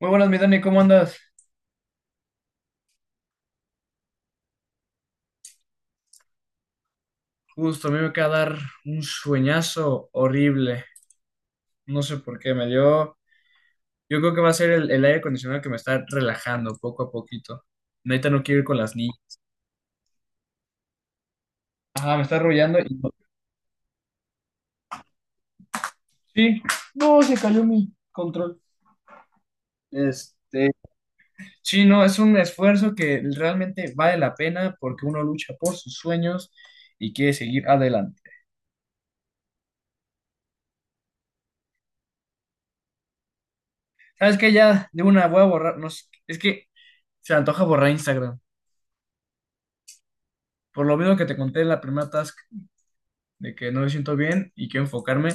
Muy buenas, mi Dani, ¿cómo andas? Justo, a mí me acaba de dar un sueñazo horrible. No sé por qué, me dio. Yo creo que va a ser el aire acondicionado que me está relajando poco a poquito. Neta, no quiero ir con las niñas. Ajá, me está arrullando y. Sí, no, se cayó mi control. Este. Sí, no, es un esfuerzo que realmente vale la pena porque uno lucha por sus sueños y quiere seguir adelante. ¿Sabes qué? Ya de una voy a borrar. No, sé, es que se me antoja borrar Instagram. Por lo mismo que te conté en la primera de que no me siento bien y quiero enfocarme,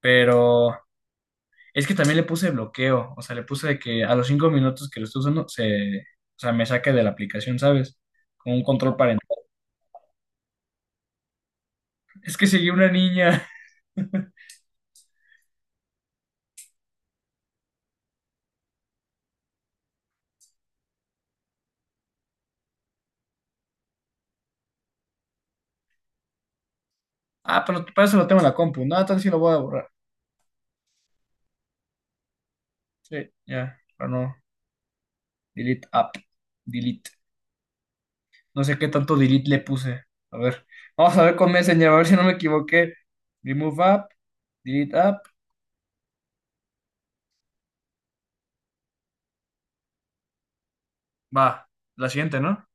pero es que también le puse bloqueo, o sea, le puse de que a los 5 minutos que lo estoy usando, se, o sea, me saque de la aplicación, ¿sabes? Con un control parental. Es que seguí una niña. Ah, pero para eso lo tengo en la compu. No, entonces sí lo voy a borrar. Sí, ya, pero no. Delete app. Delete. No sé qué tanto delete le puse. A ver, vamos a ver con Messenger, a ver si no me equivoqué. Remove app, delete app. Va, la siguiente, ¿no?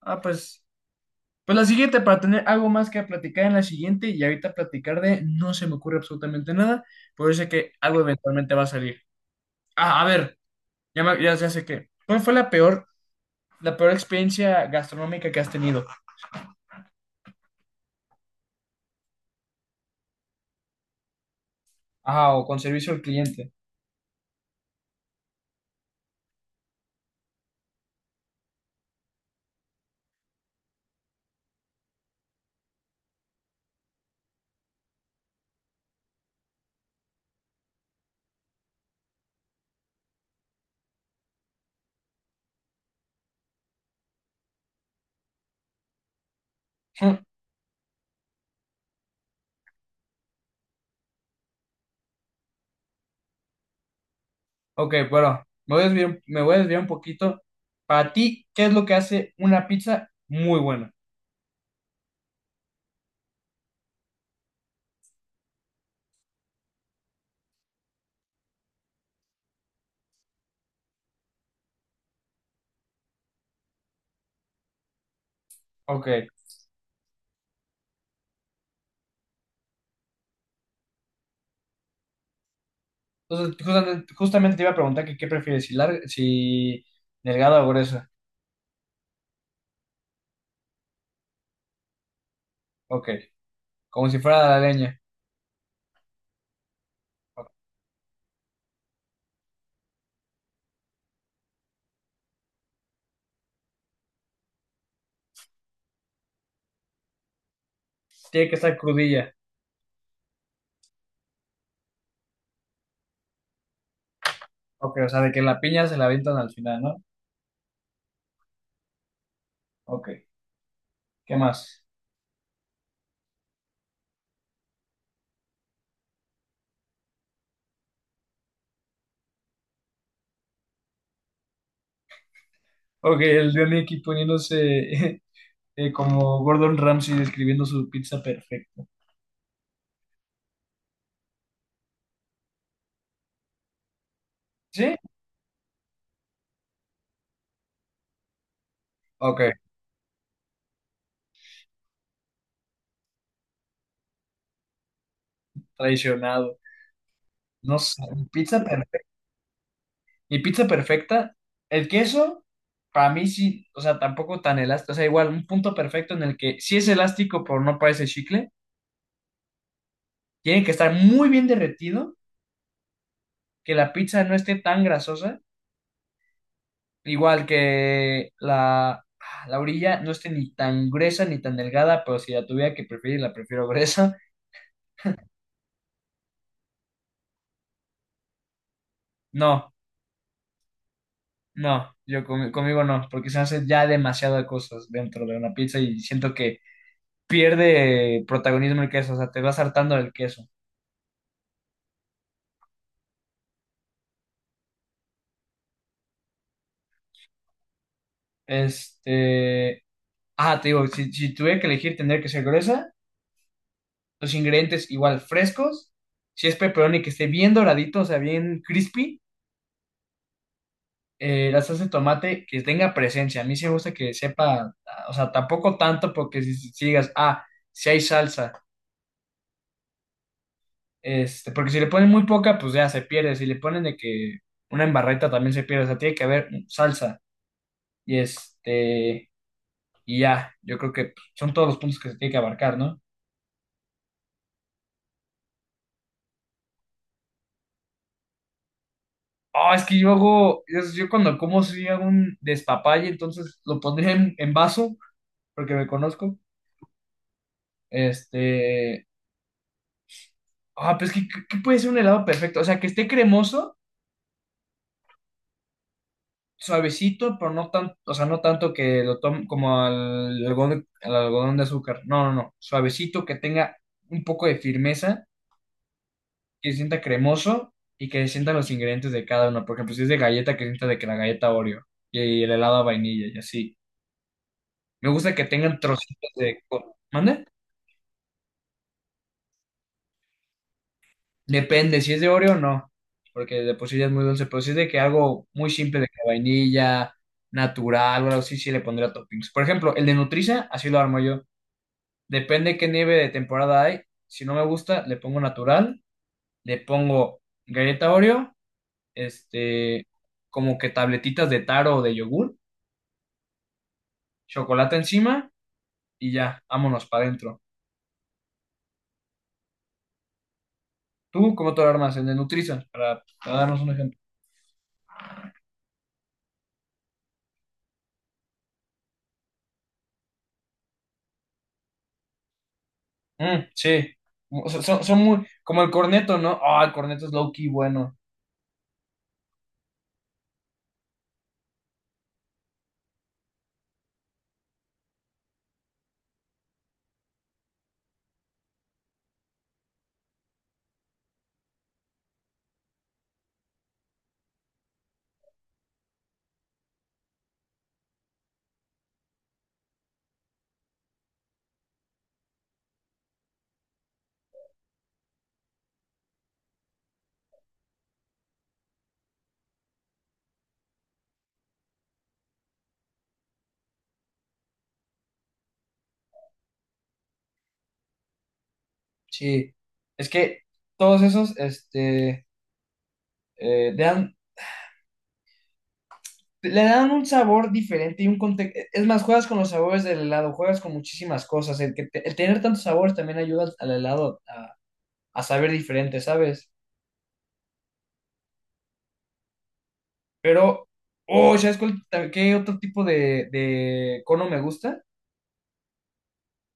Ah, pues. Pues la siguiente, para tener algo más que platicar en la siguiente, y ahorita platicar de no se me ocurre absolutamente nada, pero yo sé que algo eventualmente va a salir. Ah, a ver, ya, ya sé qué. ¿Cuál fue la peor experiencia gastronómica que has tenido? Ah, o con servicio al cliente. Hmm. Ok, bueno, me voy a desviar un poquito. Para ti, ¿qué es lo que hace una pizza muy buena? Ok, entonces justamente te iba a preguntar que qué prefieres, si, larga, si delgada o gruesa. Ok, como si fuera la leña. Ok. Tiene que estar crudilla. Ok, o sea, de que la piña se la avientan al final, ¿no? Ok, ¿qué más? Ok, el de Mickey poniéndose como Gordon Ramsay describiendo su pizza perfecta. ¿Sí? Ok, traicionado. No sé, mi pizza perfecta. Mi pizza perfecta, el queso, para mí sí, o sea, tampoco tan elástico. O sea, igual, un punto perfecto en el que sí es elástico, pero no parece chicle. Tiene que estar muy bien derretido, que la pizza no esté tan grasosa. Igual que la orilla no esté ni tan gruesa ni tan delgada, pero si la tuviera que preferir, la prefiero gruesa. No, no, conmigo no, porque se hace ya demasiadas cosas dentro de una pizza y siento que pierde protagonismo el queso, o sea, te vas hartando del queso. Este, te digo, si tuviera que elegir, tendría que ser gruesa, los ingredientes igual frescos, si es pepperoni que esté bien doradito, o sea, bien crispy. La salsa de tomate que tenga presencia. A mí sí me gusta que sepa, o sea, tampoco tanto porque si digas, si hay salsa, porque si le ponen muy poca, pues ya se pierde. Si le ponen de que una embarreta también se pierde, o sea, tiene que haber salsa y y ya, yo creo que pues, son todos los puntos que se tiene que abarcar, ¿no? Oh, es que yo cuando como si hago un despapalle, entonces lo pondría en, vaso, porque me conozco. Este, pues que puede ser un helado perfecto, o sea, que esté cremoso, suavecito, pero no tan, o sea, no tanto que lo tome como al algodón de azúcar. No, no, no. Suavecito, que tenga un poco de firmeza, que se sienta cremoso y que se sientan los ingredientes de cada uno. Por ejemplo, si es de galleta, que se sienta de que la galleta Oreo y el helado a vainilla y así. Me gusta que tengan trocitos de ¿Mande? Depende, si es de Oreo no, porque de por sí ya es muy dulce, pero si es de que algo muy simple de que vainilla, natural o algo así, sí le pondría toppings. Por ejemplo, el de Nutriza, así lo armo yo. Depende qué nieve de temporada hay. Si no me gusta, le pongo natural, le pongo galleta Oreo, este, como que tabletitas de taro o de yogur, chocolate encima y ya, vámonos para adentro. ¿Tú cómo te lo armas en el Nutrisan? Para darnos un ejemplo. Mm, sí. O sea, son muy, como el corneto, ¿no? Ah, el corneto es low key bueno. Sí. Es que todos esos, este, dan le dan un sabor diferente y un contexto. Es más, juegas con los sabores del helado, juegas con muchísimas cosas. El tener tantos sabores también ayuda al helado a, saber diferente, ¿sabes? Pero, oh, ¿sabes qué otro tipo de cono me gusta?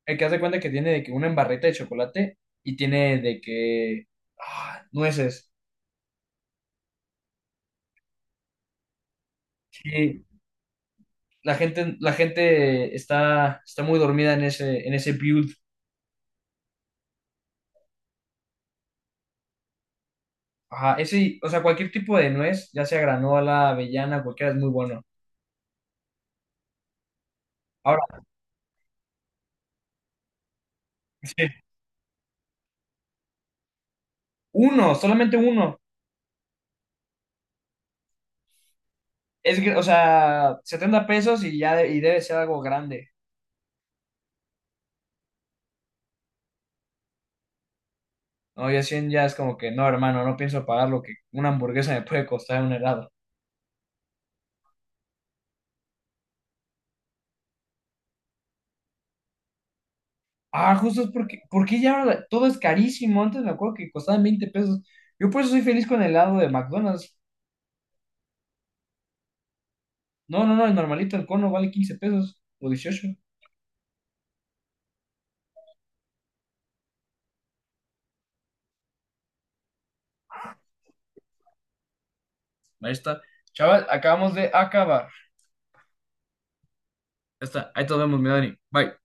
El que haz de cuenta que tiene de que una embarreta de chocolate y tiene de que nueces. Sí, la gente está muy dormida en ese build. Ajá, ese, o sea, cualquier tipo de nuez, ya sea granola, avellana, cualquiera, es muy bueno. Ahora, sí, uno, solamente uno. O sea, 70 pesos y y debe ser algo grande. No, ya 100 ya es como que, no, hermano, no pienso pagar lo que una hamburguesa me puede costar un helado. Ah, justo es porque ya ahora todo es carísimo. Antes me acuerdo que costaban 20 pesos. Yo por eso soy feliz con el helado de McDonald's. No, no, no, el normalito, el cono vale 15 pesos o 18. Ahí está. Chaval, acabamos de acabar. Ya está. Ahí te vemos, mi Dani. Bye.